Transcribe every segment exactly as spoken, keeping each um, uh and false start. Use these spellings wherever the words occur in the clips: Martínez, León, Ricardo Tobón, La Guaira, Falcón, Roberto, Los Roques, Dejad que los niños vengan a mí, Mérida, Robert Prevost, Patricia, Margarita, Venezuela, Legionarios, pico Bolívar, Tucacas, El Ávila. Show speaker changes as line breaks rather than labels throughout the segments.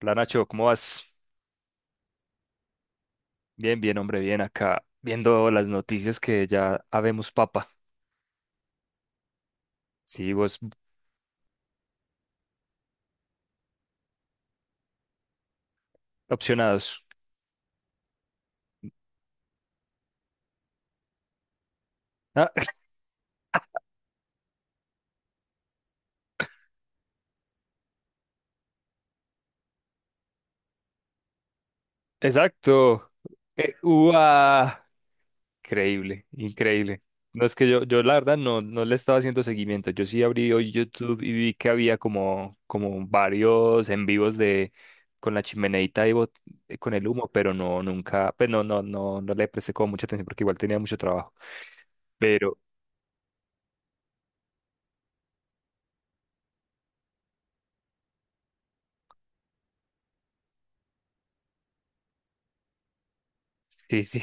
Hola Nacho, ¿cómo vas? Bien, bien, hombre, bien acá, viendo las noticias que ya habemos papa. Sí, vos opcionados. Ah, exacto. Eh, ¡Uah! Increíble, increíble. No es que yo, yo la verdad no, no le estaba haciendo seguimiento. Yo sí abrí hoy YouTube y vi que había como, como varios en vivos de con la chimeneita y bot- eh, con el humo, pero no, nunca, pues no, no, no, no le presté como mucha atención porque igual tenía mucho trabajo. Pero, sí, sí.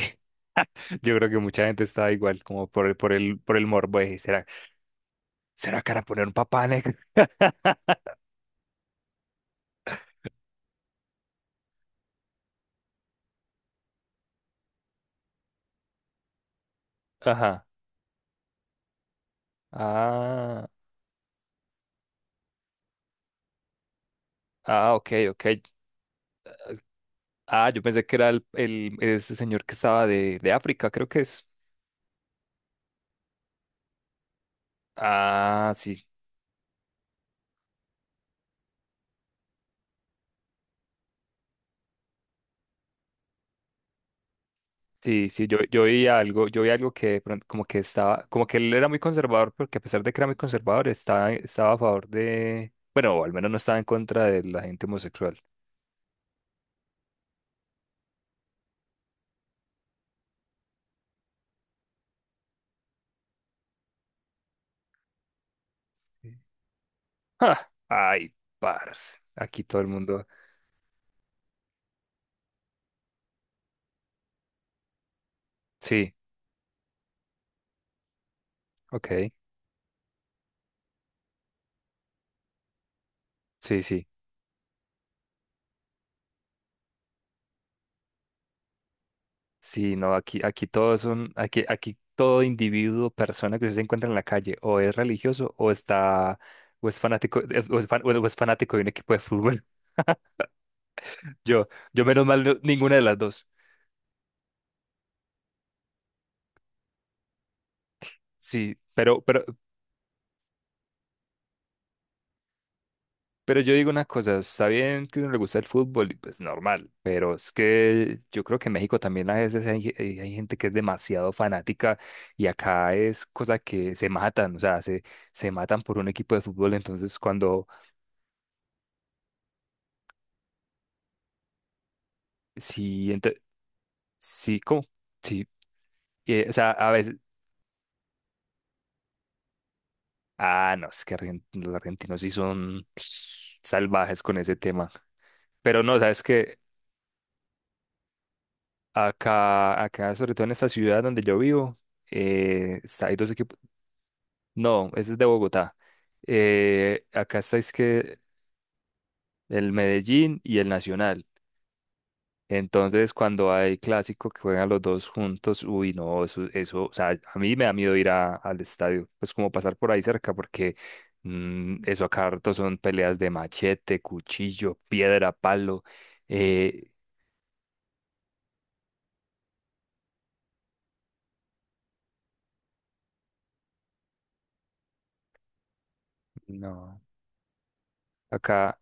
Yo creo que mucha gente está igual, como por el, por el, por el morbo de, ¿será, será cara poner un papá negro? Ajá. Ah, ah, ok, ok. Ah, yo pensé que era el, el- ese señor que estaba de, de África, creo que es. Ah, sí, sí, sí. Yo, yo vi algo, yo vi algo que de pronto como que estaba, como que él era muy conservador, porque a pesar de que era muy conservador, estaba, estaba a favor de, bueno, o al menos no estaba en contra de la gente homosexual. Ja, ay, parce. Aquí todo el mundo. Sí, ok. Sí, sí. Sí, no, aquí, aquí todos son, aquí, aquí todo individuo, persona que se encuentra en la calle, o es religioso, o está, o es fanático, eh, o es, fan- o es fanático de un equipo de fútbol. Yo, yo menos mal, no- ninguna de las dos. Sí, pero, pero, Pero yo digo una cosa, está bien que a uno le gusta el fútbol y pues normal, pero es que yo creo que en México también a veces hay, ge- hay- hay gente que es demasiado fanática y acá es cosa que se matan, o sea, se, se matan por un equipo de fútbol, entonces cuando, sí, ente- sí, ¿cómo? Sí, eh, o sea, a veces, ah, no, es que argen- los argentinos sí son salvajes con ese tema, pero no, sabes que acá, acá, sobre todo en esta ciudad donde yo vivo, eh, está- hay dos equipos. No, ese es de Bogotá. Eh, acá está es que el Medellín y el Nacional. Entonces, cuando hay clásico que juegan los dos juntos, uy, no, eso, eso, o sea, a mí me da miedo ir a- al estadio, pues como pasar por ahí cerca, porque mm, eso acá harto son peleas de machete, cuchillo, piedra, palo. eh, no, acá.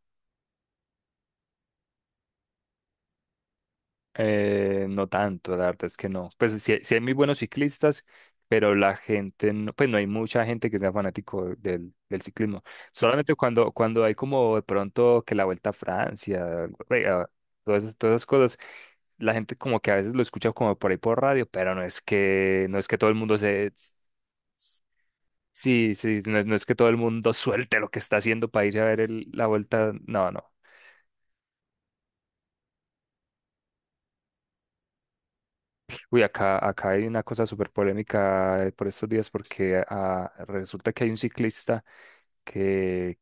Eh, no tanto, la verdad es que no. Pues sí, hay sí hay muy buenos ciclistas, pero la gente, no, pues no hay mucha gente que sea fanático del, del ciclismo. Solamente cuando, cuando hay como de pronto que la Vuelta a Francia, eh, ah, todas esas, todas esas cosas, la gente como que a veces lo escucha como por ahí por radio, pero no es que, no es que todo el mundo se... Sí, sí, no es, no es que todo el mundo suelte lo que está haciendo para ir a ver el- la Vuelta. No, no. Uy, acá, acá hay una cosa súper polémica eh, por estos días porque ah, resulta que hay un ciclista que,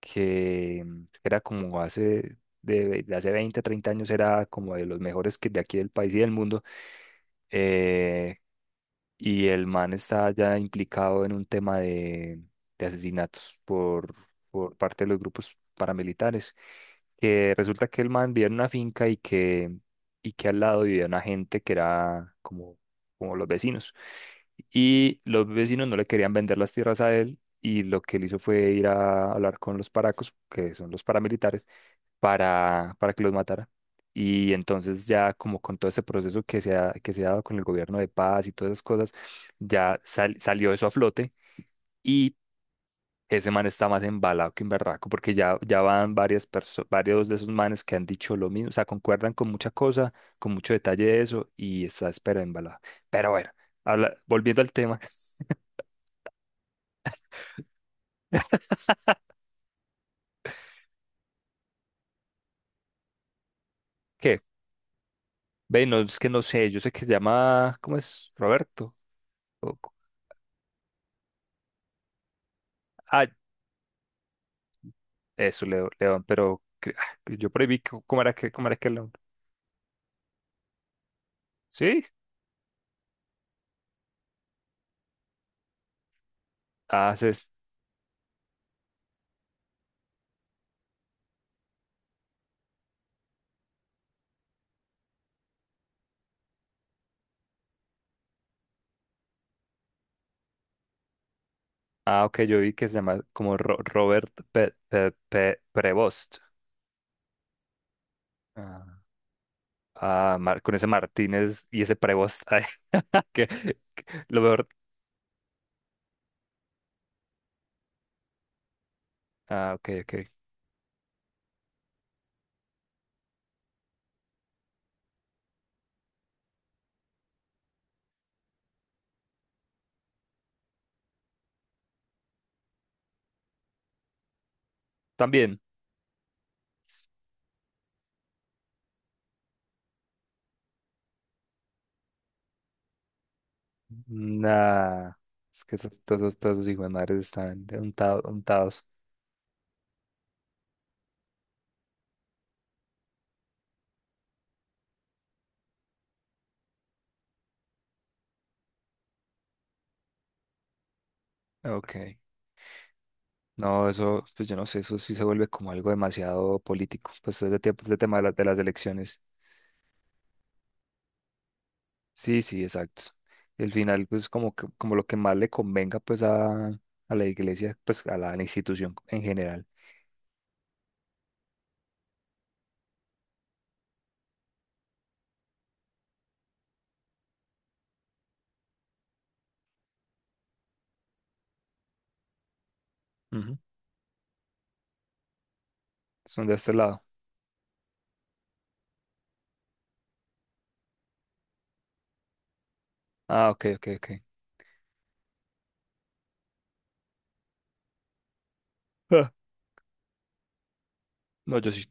que mm, era como hace, de, de hace veinte treinta años, era como de los mejores que de aquí del país y del mundo. eh, y el man está ya implicado en un tema de, de asesinatos por, por parte de los grupos paramilitares. Que resulta que el man vivía en una finca y que, y que al lado vivía una gente que era como, como los vecinos. Y los vecinos no le querían vender las tierras a él. Y lo que él hizo fue ir a hablar con los paracos, que son los paramilitares, para, para que los matara. Y entonces ya como con todo ese proceso que se ha, que se ha dado con el gobierno de paz y todas esas cosas, ya sal- salió eso a flote y ese man está más embalado que un berraco porque ya, ya van varias perso- varios de esos manes que han dicho lo mismo, o sea, concuerdan con mucha cosa, con mucho detalle de eso y está espera embalado. Pero bueno, habla- volviendo al tema, ¿qué? Ve, no, es que no sé, yo sé que se llama, ¿cómo es? Roberto. o- Ah, Eso, Leo- León, pero cre- ah, yo por ahí vi co- cómo era que, cómo era que León. ¿Sí? Ah, se- ah, ok, yo vi que se llama como Ro- Robert Pe- Pe- Pe- Prevost. Ah, Ah, Mar- con ese Martínez y ese Prevost. Ay, que, que- lo peor. Ah, ok, ok. También. Nah, es que esos- todos esos, todos esos hijos de madres están untados, untados. Ok. No, eso, pues yo no sé, eso sí se vuelve como algo demasiado político, pues es ese tie- de tema de, la- de las elecciones. Sí, sí, exacto. Y al final, pues como, que- como lo que más le convenga pues a, a la iglesia, pues a la, a la institución en general. Ujú. Son de este lado. Ah, ok, ok, ok. Ah, no, yo sí.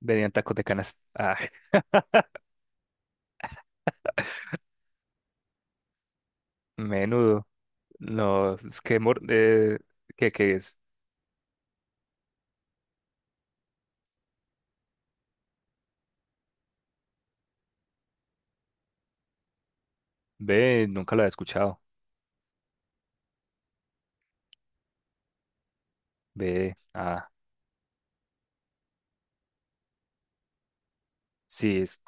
Venían tacos de canasta. Ah, menudo. No, es que, mor- eh, ¿qué, qué es? Ve, nunca lo había escuchado. Ve, ah, sí, es.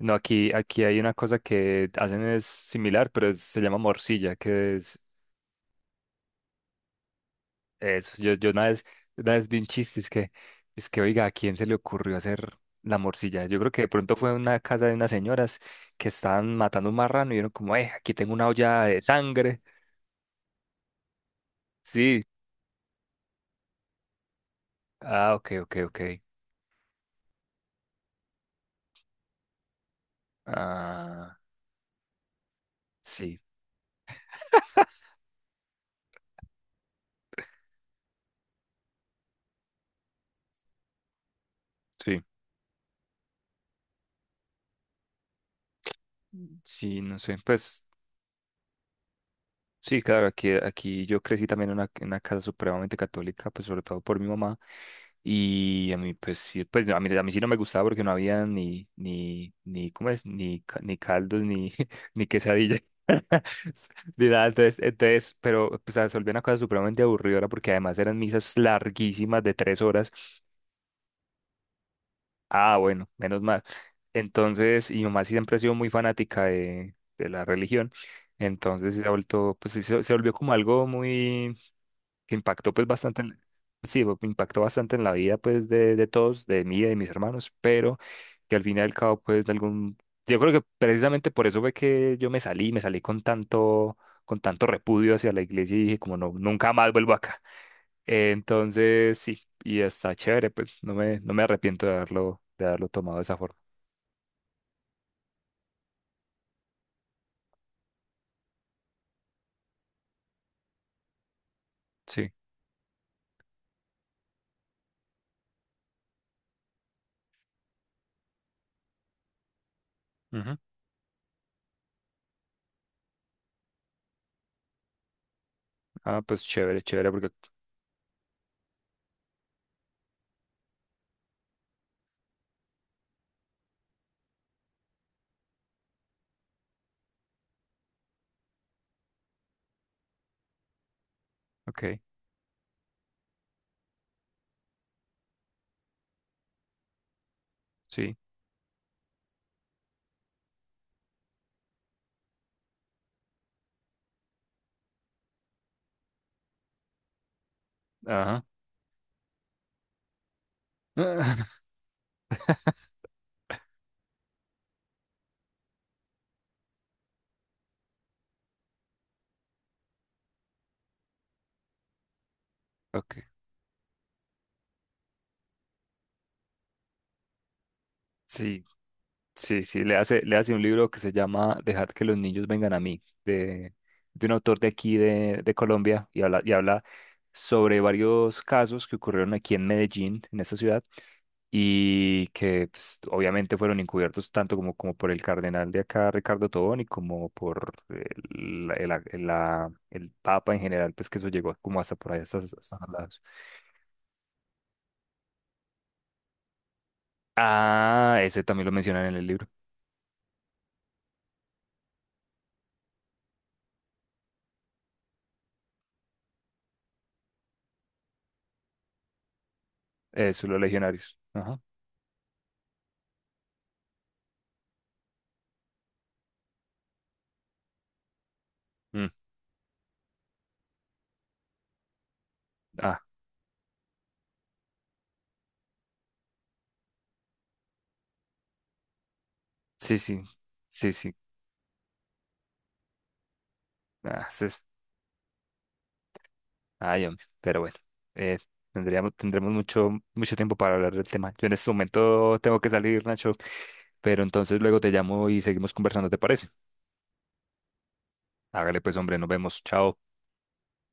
No, aquí, aquí hay una cosa que hacen es similar, pero es- se llama morcilla, que es eso. Yo, yo una vez, una vez vi un chiste, es que, es que, oiga, ¿a quién se le ocurrió hacer la morcilla? Yo creo que de pronto fue una casa de unas señoras que estaban matando un marrano y vieron como, eh, aquí tengo una olla de sangre. Sí. Ah, ok, ok, ok. Ah, sí, sí. Mm. Sí, no sé, pues. Sí, claro, aquí, aquí yo crecí también en una, en una casa supremamente católica, pues sobre todo por mi mamá. Y a mí, pues sí, pues a mí, a mí sí no me gustaba porque no había ni, ni, ni, ¿cómo es? Ni, ca- ni caldos, ni, ni quesadilla, ni nada. Entonces, entonces, pero pues se volvió una cosa supremamente aburridora porque además eran misas larguísimas de tres horas. Ah, bueno, menos mal. Entonces, y mi mamá siempre ha sido muy fanática de, de la religión. Entonces se ha vuelto, pues sí, se, se volvió como algo muy que impactó pues bastante en, sí, bo- impactó bastante en la vida pues de, de todos, de mí y de mis hermanos, pero que al fin y al cabo pues de algún, yo creo que precisamente por eso fue que yo me salí, me salí con tanto, con tanto repudio hacia la iglesia y dije como no, nunca más vuelvo acá. Entonces sí, y está chévere, pues no me, no me arrepiento de haberlo, de haberlo tomado de esa forma. Sí. Ujú. Ah, pues chévere, chévere, porque, ok, sí, ajá. Ok. Sí. Sí, sí, le hace, le hace un libro que se llama Dejad que los niños vengan a mí, de, de un autor de aquí de, de Colombia, y habla, y habla sobre varios casos que ocurrieron aquí en Medellín, en esta ciudad, y que pues, obviamente fueron encubiertos tanto como, como por el cardenal de acá, Ricardo Tobón, y como por el, la- el, la- el la- el Papa en general, pues que eso llegó como hasta por ahí, hasta, hasta los lados. Ah, ese también lo mencionan en el libro, eso, los legionarios. Ajá. Mm. Ah, sí, sí, sí, sí. Ah, sí. Ay, hombre, pero bueno, eh, tendríamos, tendremos mucho, mucho tiempo para hablar del tema. Yo en este momento tengo que salir, Nacho, pero entonces luego te llamo y seguimos conversando, ¿te parece? Hágale pues, hombre, nos vemos. Chao.